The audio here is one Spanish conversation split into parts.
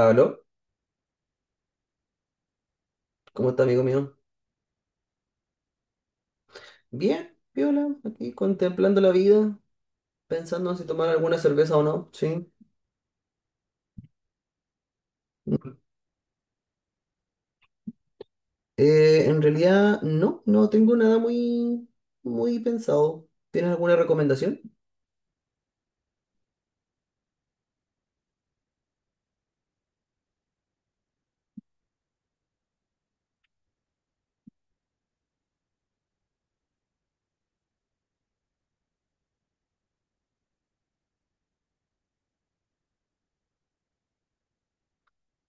Aló, ¿cómo está, amigo mío? Bien, Viola, aquí contemplando la vida, pensando en si tomar alguna cerveza o no, sí. Mm. En realidad, no tengo nada muy, muy pensado. ¿Tienes alguna recomendación?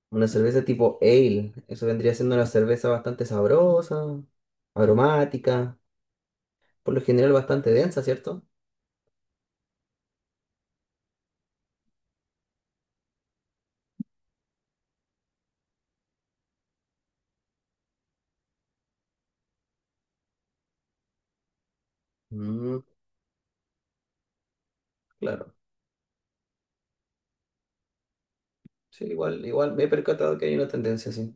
Una cerveza tipo ale, eso vendría siendo una cerveza bastante sabrosa, aromática, por lo general bastante densa, ¿cierto? Mm, claro, sí, igual, igual me he percatado que hay una tendencia así.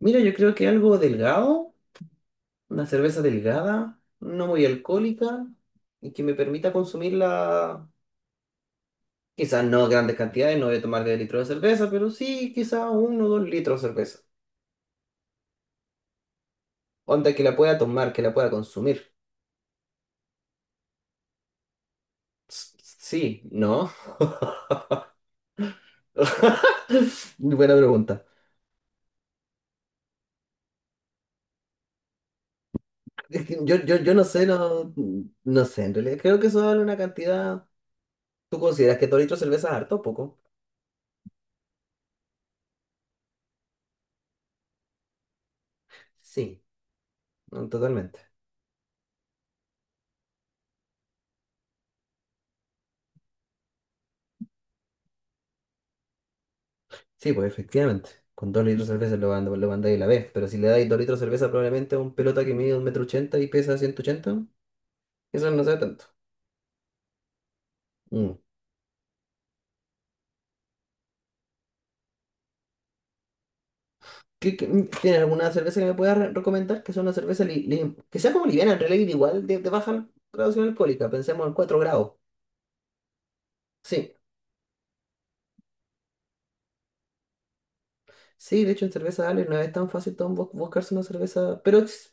Mira, yo creo que algo delgado. Una cerveza delgada, no muy alcohólica y que me permita consumirla, quizás no grandes cantidades, no voy a tomar de litros de cerveza, pero sí quizás uno o dos litros de cerveza. Onda que la pueda tomar, que la pueda consumir. Sí, ¿no? Buena pregunta. Es que yo no sé, no sé, en realidad creo que eso vale una cantidad. ¿Tú consideras que dos litros de cerveza es harto o poco? Sí, no, totalmente. Sí, pues efectivamente. Con dos litros de cerveza lo, lo mandáis a la vez. Pero si le dais dos litros de cerveza probablemente a un pelota que mide un metro ochenta y pesa 180 eso no sea tanto. Mm. ¿ Tiene alguna cerveza que me puedas recomendar? Que sea una cerveza que sea como liviana, en realidad igual de baja graduación alcohólica. Pensemos en cuatro grados. Sí, sí, de hecho en cerveza Ale no es tan fácil tan buscarse una cerveza. Pero es-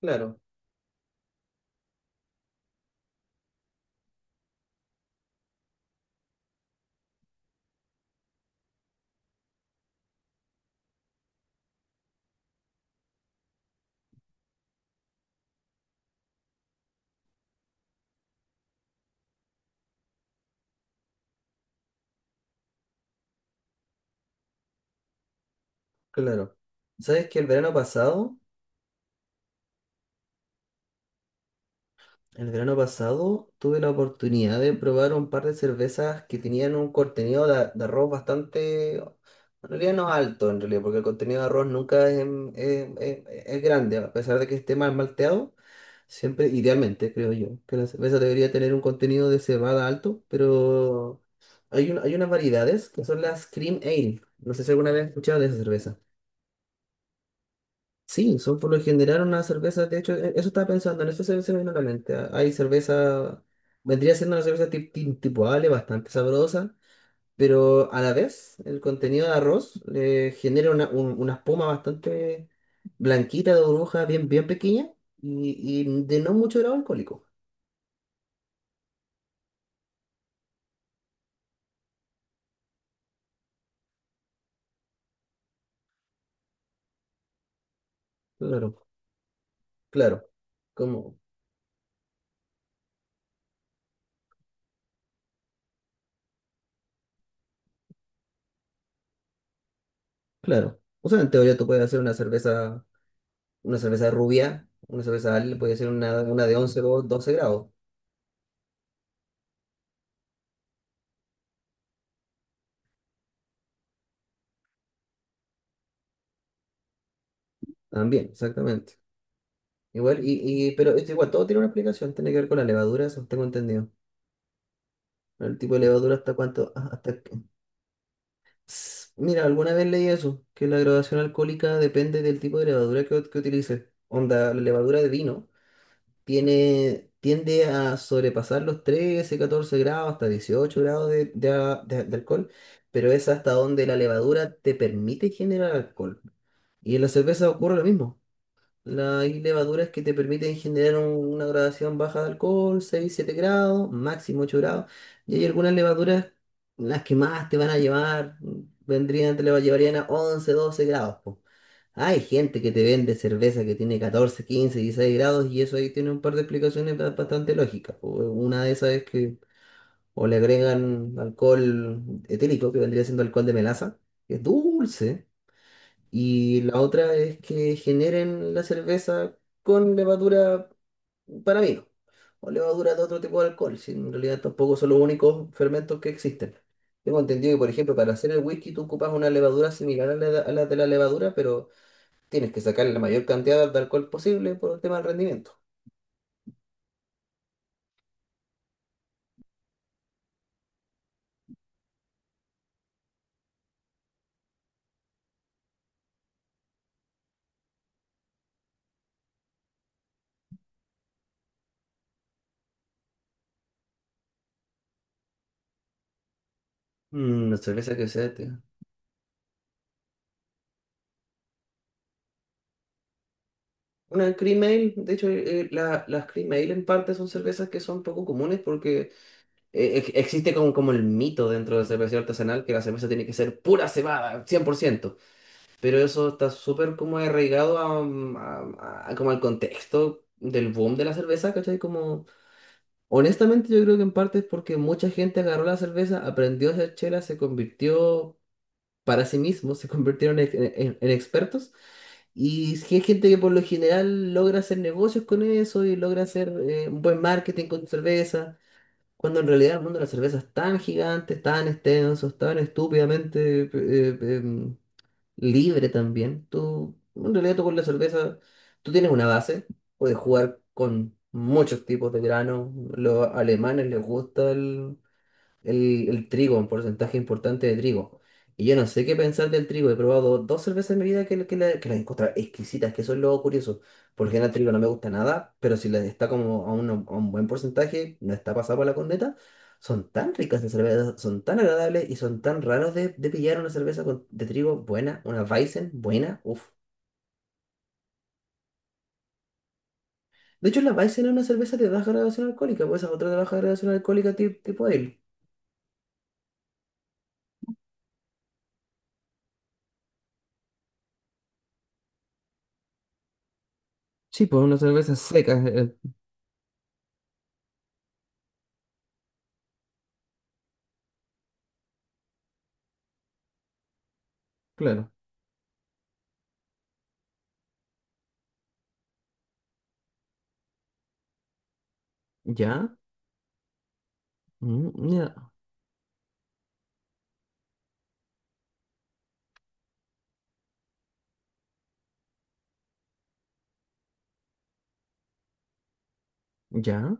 claro, claro. ¿Sabes que el verano pasado tuve la oportunidad de probar un par de cervezas que tenían un contenido de arroz bastante, en realidad no alto en realidad, porque el contenido de arroz nunca es, es grande, a pesar de que esté mal malteado, siempre, idealmente creo yo, que la cerveza debería tener un contenido de cebada alto, pero hay, hay unas variedades que son las Cream Ale, no sé si alguna vez has escuchado de esa cerveza. Sí, son por lo general unas cervezas, de hecho, eso estaba pensando, en eso se, se me vino a la mente. Ah, hay cerveza, vendría siendo una cerveza tipo Ale, bastante sabrosa, pero a la vez el contenido de arroz le genera una, una espuma bastante blanquita de burbuja, bien, bien pequeña y de no mucho grado alcohólico. Claro, claro, como, claro. O sea, en teoría tú puedes hacer una cerveza rubia, una cerveza Ale, puede ser una de 11 o 12 grados, también, exactamente. Igual, y, pero esto igual todo tiene una explicación, tiene que ver con la levadura, eso tengo entendido. El tipo de levadura hasta cuánto, ah, hasta que- Ss, mira, alguna vez leí eso, que la graduación alcohólica depende del tipo de levadura que utilices. Onda, la levadura de vino tiene, tiende a sobrepasar los 13 14 grados, hasta 18 grados de, de alcohol, pero es hasta donde la levadura te permite generar alcohol. Y en la cerveza ocurre lo mismo. Hay levaduras que te permiten generar una gradación baja de alcohol, 6 7 grados, máximo 8 grados. Y hay algunas levaduras, las que más te van a llevar, vendrían, te le llevarían a 11, 12 grados. Po. Hay gente que te vende cerveza que tiene 14, 15, 16 grados y eso ahí tiene un par de explicaciones bastante lógicas. Po. Una de esas es que o le agregan alcohol etílico, que vendría siendo alcohol de melaza, que es dulce y la otra es que generen la cerveza con levadura para vino o levadura de otro tipo de alcohol, si en realidad tampoco son los únicos fermentos que existen. Tengo entendido que, por ejemplo, para hacer el whisky tú ocupas una levadura similar a la de la levadura, pero tienes que sacarle la mayor cantidad de alcohol posible por el tema del rendimiento. Mm, la cerveza que sea, tío. Una cream ale, de hecho, las cream ale en parte son cervezas que son poco comunes porque existe como, como el mito dentro del cervecero artesanal que la cerveza tiene que ser pura cebada, cien por ciento, pero eso está súper como arraigado a, mm, a como al contexto del boom de la cerveza, ¿cachai? Como, honestamente yo creo que en parte es porque mucha gente agarró la cerveza, aprendió a hacer chela, se convirtió para sí mismo, se convirtieron en, en expertos y sí hay gente que por lo general logra hacer negocios con eso y logra hacer un buen marketing con cerveza cuando en realidad el mundo de la cerveza es tan gigante, tan extenso, es tan estúpidamente libre también. Tú, en realidad tú con la cerveza, tú tienes una base, puedes jugar con muchos tipos de granos. Los alemanes les gusta el trigo, un porcentaje importante de trigo. Y yo no sé qué pensar del trigo. He probado dos cervezas en mi vida que, que las encuentro exquisitas, que eso es lo curioso. Porque el trigo no me gusta nada, pero si les está como a un buen porcentaje, no está pasado por la corneta. Son tan ricas las cervezas, son tan agradables y son tan raros de pillar una cerveza de trigo buena, una Weizen buena, uff. De hecho, la Weizen es una cerveza de baja graduación alcohólica, pues esa es otra de baja graduación alcohólica tipo, tipo ale. Sí, pues una cerveza seca, claro. ¿Ya? Mm, ya, ya,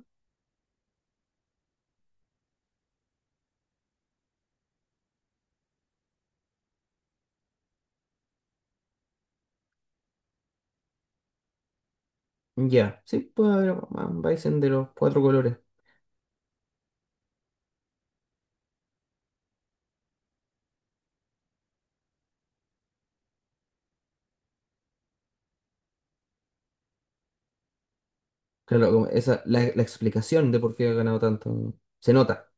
ya. Sí, puede haber un Bison de los cuatro colores. Claro, como esa, la explicación de por qué ha ganado tanto se nota.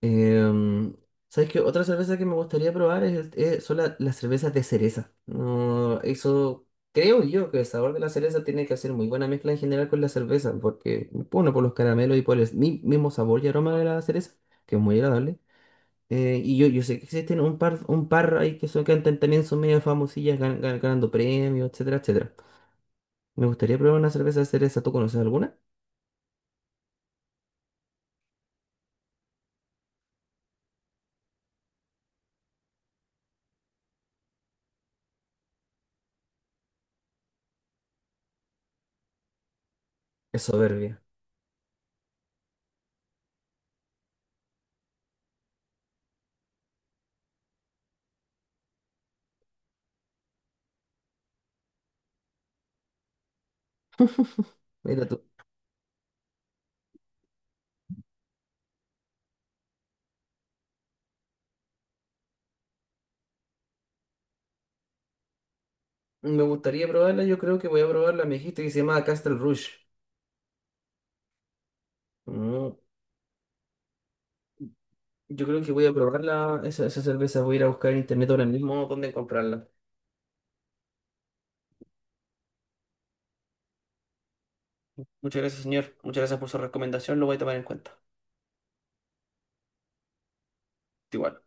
Em, ¿sabes qué? Otra cerveza que me gustaría probar es, son las cervezas de cereza. No, eso creo yo que el sabor de la cereza tiene que hacer muy buena mezcla en general con la cerveza, porque, bueno, por los caramelos y por el mismo sabor y aroma de la cereza, que es muy agradable. Y yo, yo sé que existen un par ahí que son, que cantan también, son medio famosillas ganando premios, etcétera, etcétera. Me gustaría probar una cerveza cereza. ¿Tú conoces alguna? Es soberbia. Mira tú. Me gustaría probarla, yo creo que voy a probarla. Me dijiste que se llama Castle Rouge. Mm, yo creo que voy a probarla, esa cerveza. Voy a ir a buscar en internet ahora mismo dónde comprarla. Muchas gracias, señor. Muchas gracias por su recomendación. Lo voy a tomar en cuenta. Igual.